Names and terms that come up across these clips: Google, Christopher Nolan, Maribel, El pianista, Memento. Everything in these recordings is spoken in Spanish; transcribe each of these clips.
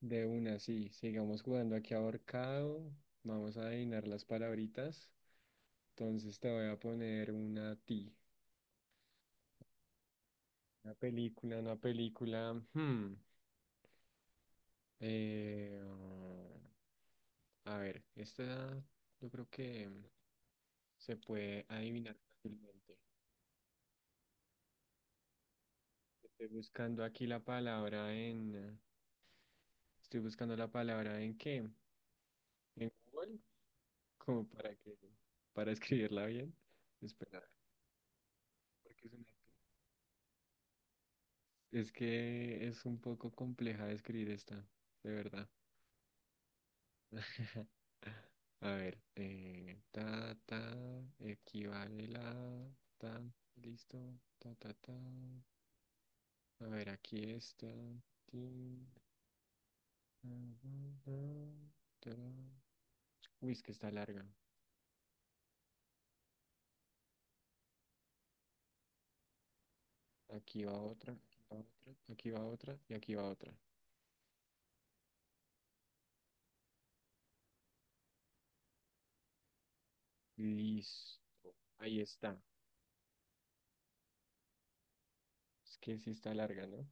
De una, sí. Sigamos jugando aquí ahorcado. Vamos a adivinar las palabritas. Entonces te voy a poner una a ti. Una película, una película. Eh, a ver, esta yo creo que se puede adivinar fácilmente. Estoy buscando aquí la palabra en... Estoy buscando la palabra en qué? ¿En Google? Como para que... Para escribirla bien. Espera, porque es una... Es que es un poco compleja de escribir esta, de verdad. A ver, ta, ta, equivale la, ta, listo, ta, ta, ta. A ver, aquí está. Tin, ta, ta, ta, ta. Uy, es que está larga. Aquí va otra, aquí va otra, aquí va otra y aquí va otra. Listo. Ahí está. Es que sí está larga, ¿no?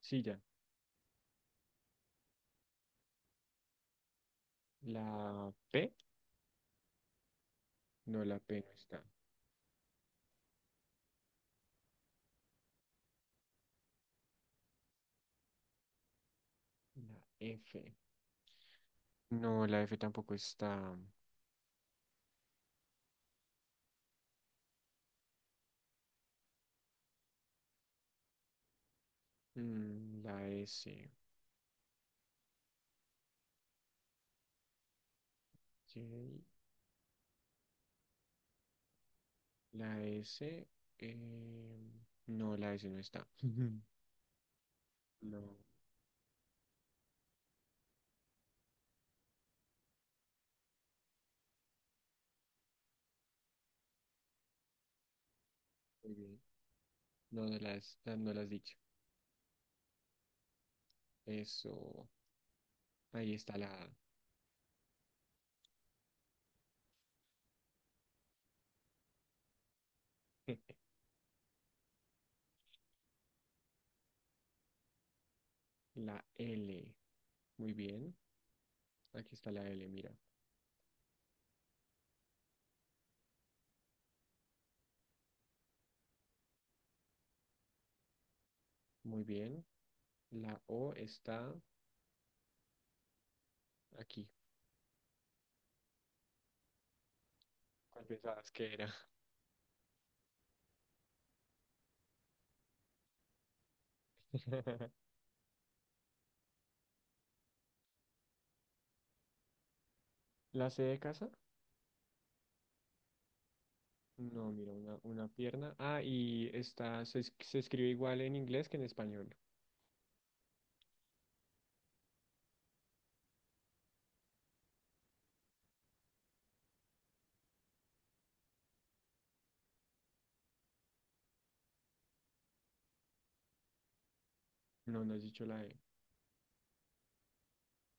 Sí, ya. La P, no, la P no está. La F. No, la F tampoco está. Mm, la S. Ok. La S. eh, no, la S no está. No. Muy bien. No, no las, no las has dicho. Eso. Ahí está la A. La L. Muy bien. Aquí está la L, mira. Muy bien. La O está aquí. ¿Cuál pensabas que era? ¿La C de casa? No, mira, una pierna. Ah, y está, se, se escribe igual en inglés que en español. No, no has dicho la E.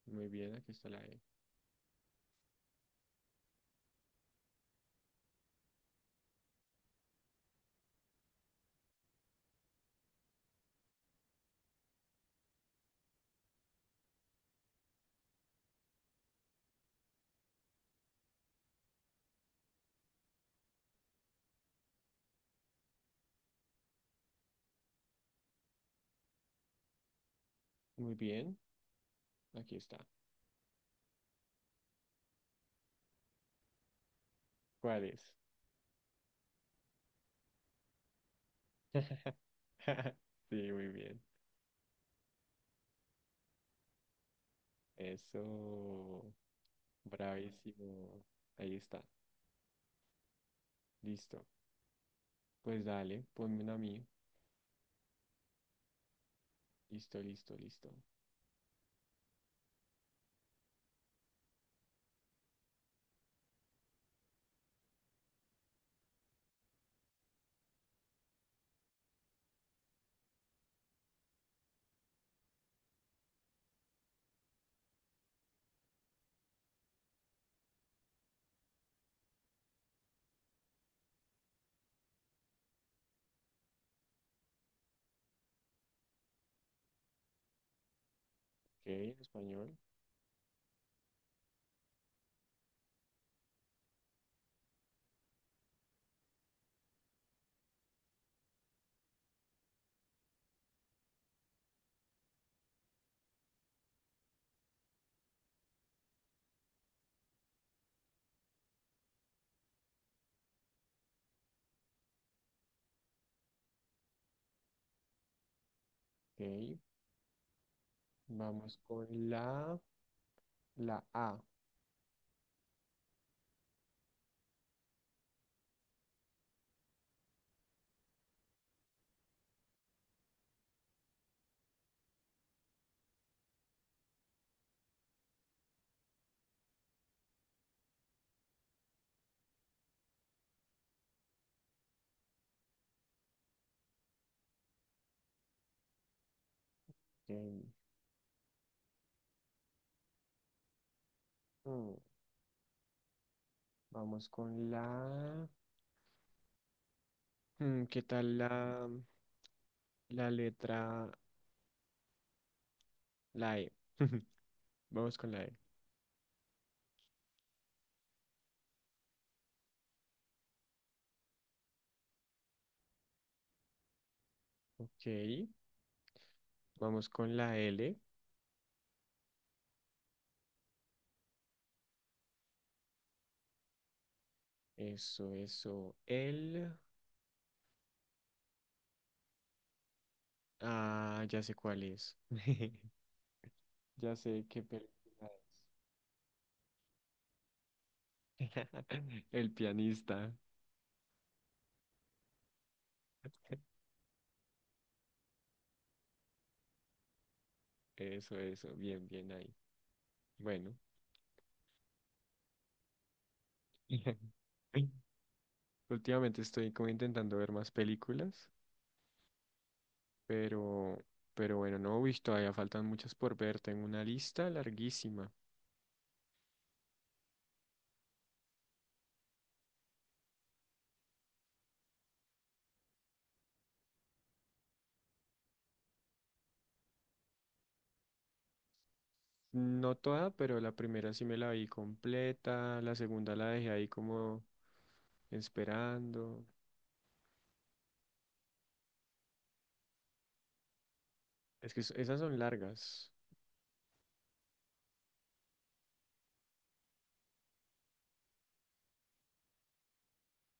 Muy bien, aquí está la E. Muy bien, aquí está. ¿Cuál es? Sí, muy bien. Eso, bravísimo. Ahí está. Listo. Pues dale, ponme una a mí. Listo, listo, listo. Ok, en español. Ok. Vamos con la, la A. Ok. Mm, vamos con la... mm, ¿qué tal la...? La letra, la E. Vamos con la E. Ok, vamos con la L. Eso, eso. El. Ah, ya sé cuál es. Ya sé qué película es. El pianista. Eso, eso. Bien, bien ahí. Bueno. Últimamente estoy como intentando ver más películas, pero, pero bueno, no, uy, todavía faltan muchas por ver. Tengo una lista larguísima. No toda, pero la primera sí me la vi completa, la segunda la dejé ahí como esperando. Es que esas son largas.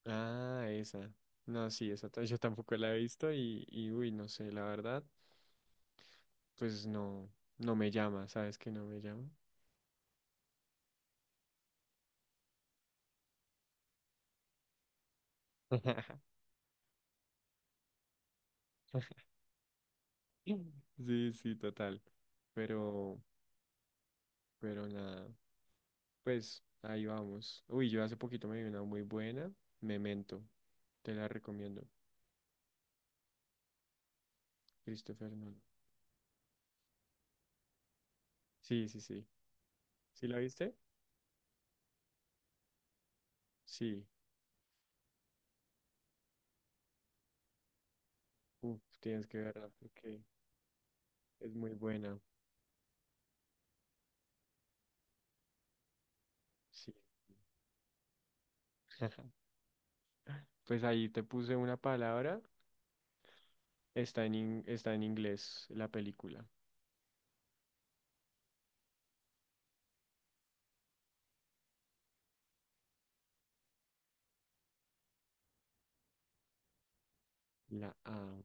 Ah, esa. No, sí, esa ta- yo tampoco la he visto y uy, no sé, la verdad, pues no, no me llama, ¿sabes que no me llama? Sí, sí, total. Pero, pero nada, pues ahí vamos. Uy, yo hace poquito me vi una muy buena, Memento, te la recomiendo, Christopher Nolan. Sí, sí, sí. ¿Sí la viste? Sí. Uf, tienes que verla porque es muy buena. Sí. Pues ahí te puse una palabra. Está en, está en inglés la película. La A.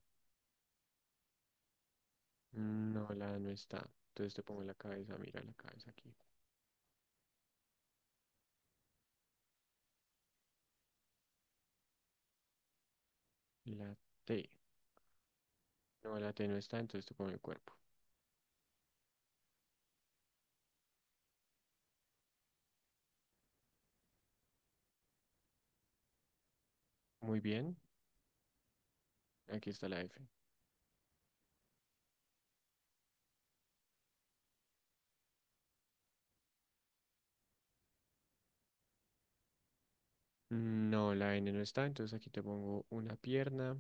No, la A no está. Entonces te pongo la cabeza. Mira la cabeza aquí. La T. No, la T no está. Entonces te pongo el cuerpo. Muy bien. Aquí está la F. No, la N no está. Entonces aquí te pongo una pierna.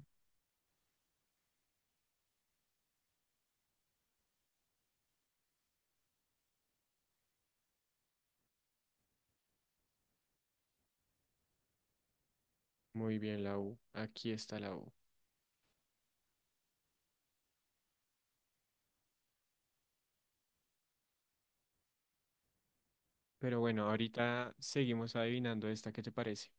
Muy bien, la U. Aquí está la U. Pero bueno, ahorita seguimos adivinando esta. ¿Qué te parece?